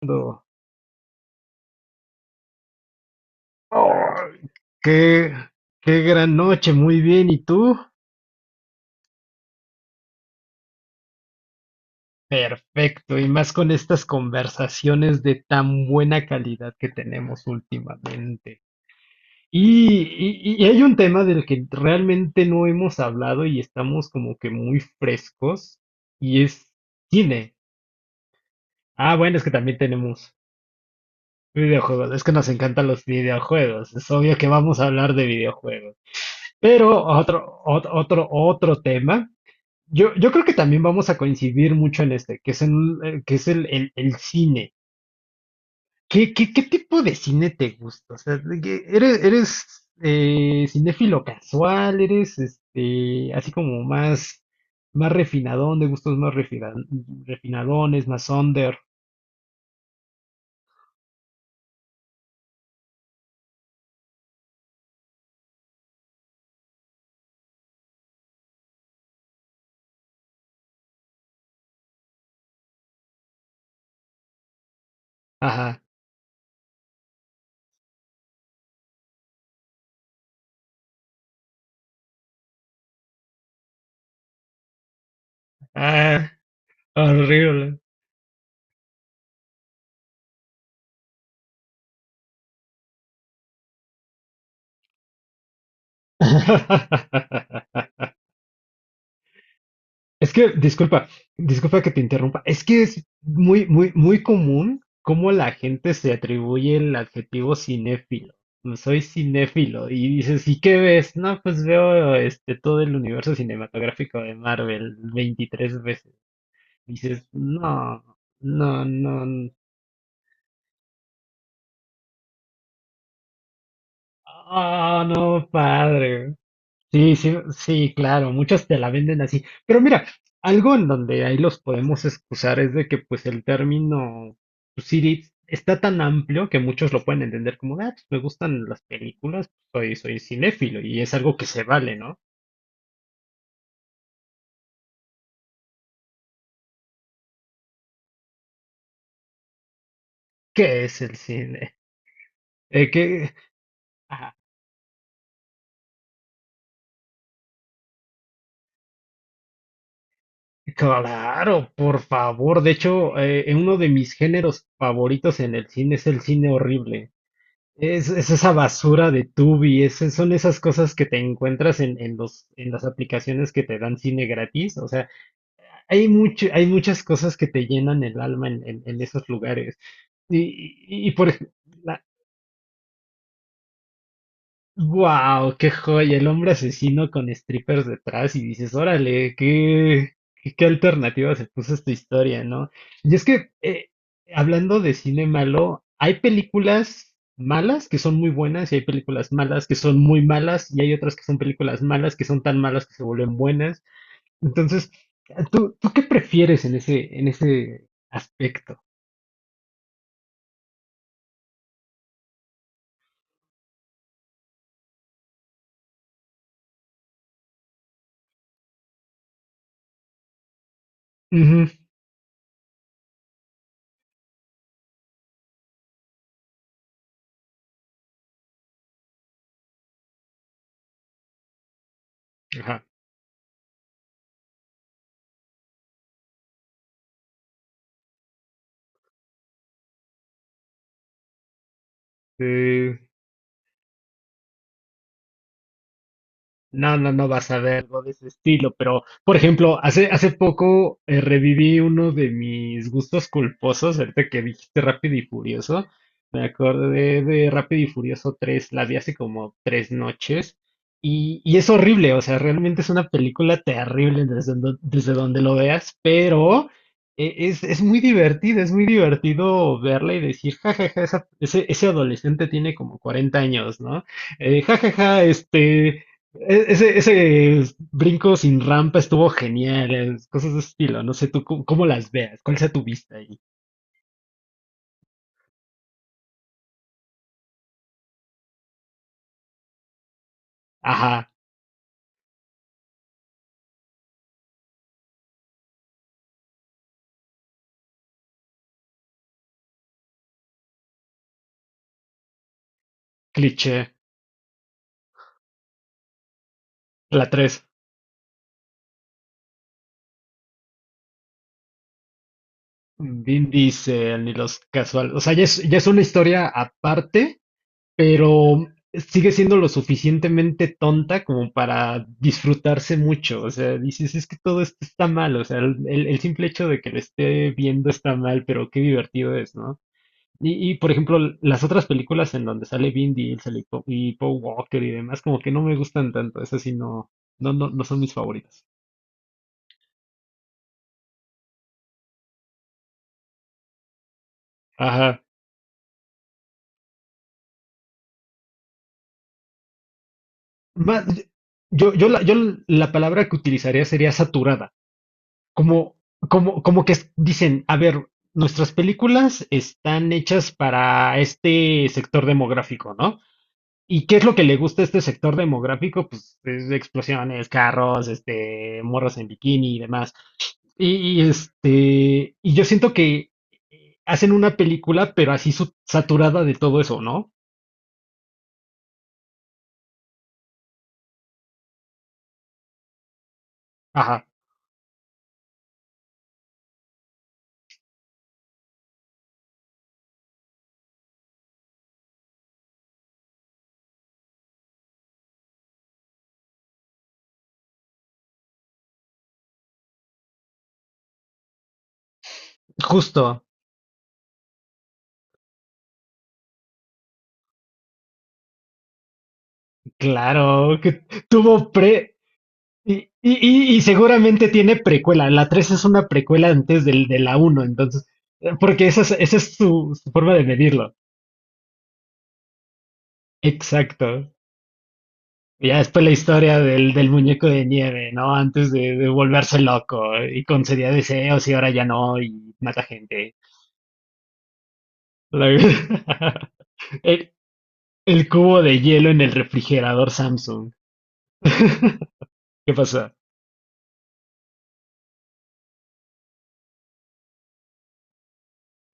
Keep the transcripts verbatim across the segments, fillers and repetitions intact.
Fernando. Ay, qué, qué gran noche, muy bien. ¿Y tú? Perfecto, y más con estas conversaciones de tan buena calidad que tenemos últimamente. Y, y- y hay un tema del que realmente no hemos hablado y estamos como que muy frescos, y es cine. Ah, bueno, es que también tenemos videojuegos, es que nos encantan los videojuegos, es obvio que vamos a hablar de videojuegos. Pero otro, ot- otro, otro tema. Yo, yo creo que también vamos a coincidir mucho en este, que es, en, eh, que es el, el- el cine. ¿Qué, qué, qué tipo de cine te gusta? O sea, de que ¿eres, eres eh, cinéfilo casual? ¿Eres este, así como más, más refinadón, de gustos más refina- refinadones, más under? Ajá. Ah, horrible. Es que, disculpa, disculpa que te interrumpa. Es que es muy, muy, muy común cómo la gente se atribuye el adjetivo cinéfilo. "No soy cinéfilo". Y dices, ¿y qué ves? No, pues veo este todo el universo cinematográfico de Marvel veintitrés veces. Dices, no, no, no, no, ah, no, padre. Sí, sí, sí, claro, muchos te la venden así. Pero mira, algo en donde ahí los podemos excusar es de que pues el término pues, Siri está tan amplio que muchos lo pueden entender como, ah, pues, me gustan las películas, soy, soy cinéfilo y es algo que se vale, ¿no? ¿Qué es el cine? Eh, ¿qué? Ah, claro, por favor. De hecho, eh, uno de mis géneros favoritos en el cine es el cine horrible. Es, es esa basura de Tubi, es- son esas cosas que te encuentras en, en los, en las aplicaciones que te dan cine gratis. O sea, hay mucho, hay muchas cosas que te llenan el alma en, en- en esos lugares. Y, y- y por ejemplo, wow, qué joya, el hombre asesino con strippers detrás y dices, órale, qué, qué, qué alternativa se puso esta historia, ¿no? Y es que, eh, hablando de cine malo, hay películas malas que son muy buenas y hay películas malas que son muy malas y hay otras que son películas malas que son tan malas que se vuelven buenas. Entonces, ¿tú, tú qué prefieres en ese, en ese aspecto? Ujú, ajá. eh, No, no, no vas a ver algo de ese estilo, pero por ejemplo, hace, hace poco eh, reviví uno de mis gustos culposos, ahorita que dijiste Rápido y Furioso, me acordé de Rápido y Furioso tres, la vi hace como tres noches y, y es horrible, o sea, realmente es una película terrible desde, do- desde donde lo veas, pero eh, es, es muy divertido, es muy divertido verla y decir, jajaja, ese, ese adolescente tiene como cuarenta años, ¿no? Eh, jajaja, este... E- Ese, ese brinco sin rampa estuvo genial, es- cosas de ese estilo. No sé tú cómo, cómo las veas, cuál sea tu vista ahí. Ajá, cliché. La tres. Vin Diesel ni los casuales. O sea, ya es, ya es una historia aparte, pero sigue siendo lo suficientemente tonta como para disfrutarse mucho. O sea, dices, es que todo esto está mal. O sea, el, el el simple hecho de que lo esté viendo está mal, pero qué divertido es, ¿no? Y, y, por ejemplo, l- las otras películas en donde sale Vin Diesel y Po- y Paul Walker y demás, como que no me gustan tanto. Esas sí no, no, no, no son mis favoritas. Ajá. Ma- yo, yo, la, yo la palabra que utilizaría sería saturada. Como, como, como que es- dicen, a ver, nuestras películas están hechas para este sector demográfico, ¿no? ¿Y qué es lo que le gusta a este sector demográfico? Pues es explosiones, carros, este, morras en bikini y demás. Y, y este, y yo siento que eh, hacen una película, pero así su- saturada de todo eso, ¿no? Ajá, justo. Claro, que tuvo pre... Y, y, y- y seguramente tiene precuela. La tres es una precuela antes del, de la uno entonces... eh, porque esa es, esa es su, su forma de medirlo. Exacto. Y ya después la historia del, del muñeco de nieve, ¿no? Antes de, de volverse loco y concedía deseos y ahora ya no y mata gente. La- Eh, el cubo de hielo en el refrigerador Samsung. ¿Qué pasó?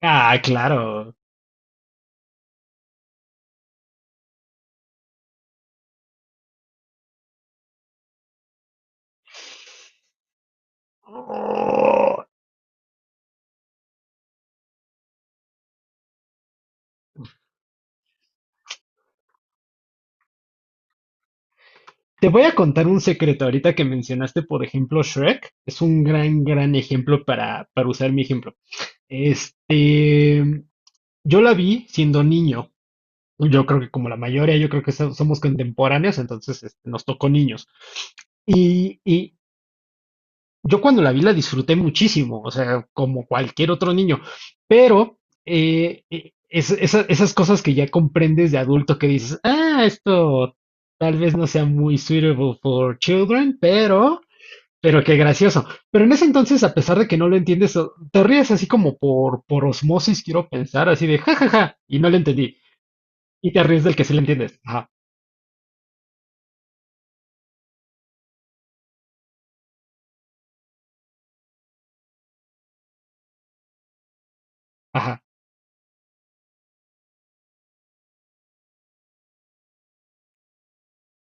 Ah, claro. Oh. Te voy a contar un secreto ahorita que mencionaste, por ejemplo, Shrek. Es un gran, gran ejemplo para, para usar mi ejemplo. Este, yo la vi siendo niño. Yo creo que como la mayoría, yo creo que so- somos contemporáneos, entonces este, nos tocó niños. Y, y, yo cuando la vi la disfruté muchísimo, o sea, como cualquier otro niño, pero eh, eh, es- esa- esas cosas que ya comprendes de adulto que dices, ah, esto tal vez no sea muy suitable for children, pero, pero qué gracioso. Pero en ese entonces, a pesar de que no lo entiendes, o- te ríes así como por, por osmosis, quiero pensar, así de jajaja, y no lo entendí, y te ríes del que sí lo entiendes. Ajá, ajá,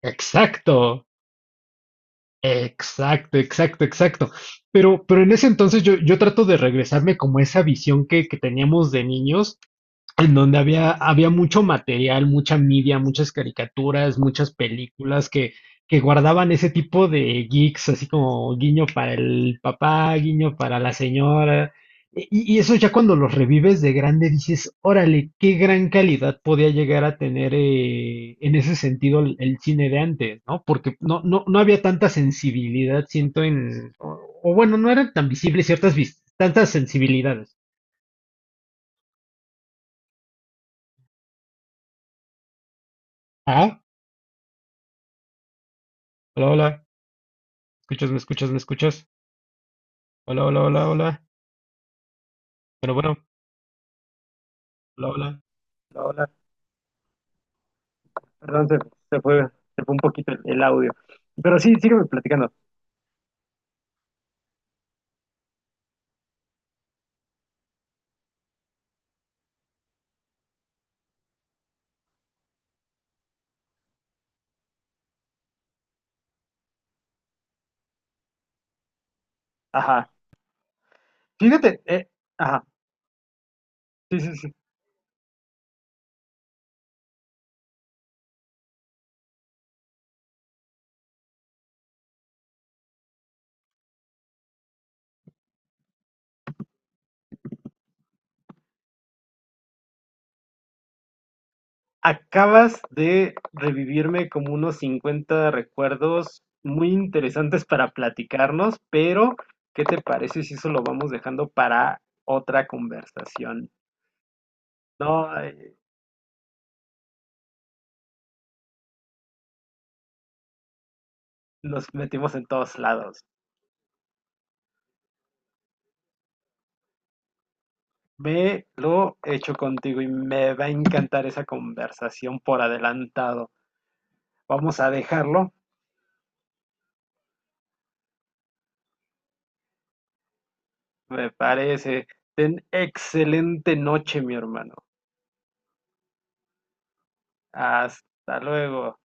exacto. Exacto, exacto, exacto. Pero, pero en ese entonces yo, yo trato de regresarme como a esa visión que, que teníamos de niños en donde había, había mucho material, mucha media, muchas caricaturas, muchas películas que, que guardaban ese tipo de geeks, así como guiño para el papá, guiño para la señora. Y, y eso ya cuando los revives de grande dices, órale, qué gran calidad podía llegar a tener eh, en ese sentido el, el cine de antes, ¿no? Porque no, no, no había tanta sensibilidad, siento, en... O, o bueno, no eran tan visibles ciertas vis- tantas sensibilidades. Ah, hola, hola. ¿Escuchas? ¿Me escuchas? ¿Me escuchas? Hola, hola, hola, hola. Bueno, bueno, hola, hola. Hola, hola. Perdón, se, se fue, se fue un poquito el, el audio. Pero sí, sígueme platicando. Ajá. Fíjate, eh, ajá. Sí, sí, sí. Acabas de revivirme como unos cincuenta recuerdos muy interesantes para platicarnos, pero ¿qué te parece si eso lo vamos dejando para otra conversación? No, eh, nos metimos en todos lados. Ve lo hecho contigo y me va a encantar esa conversación por adelantado. Vamos a dejarlo, me parece. Ten excelente noche, mi hermano. Hasta luego.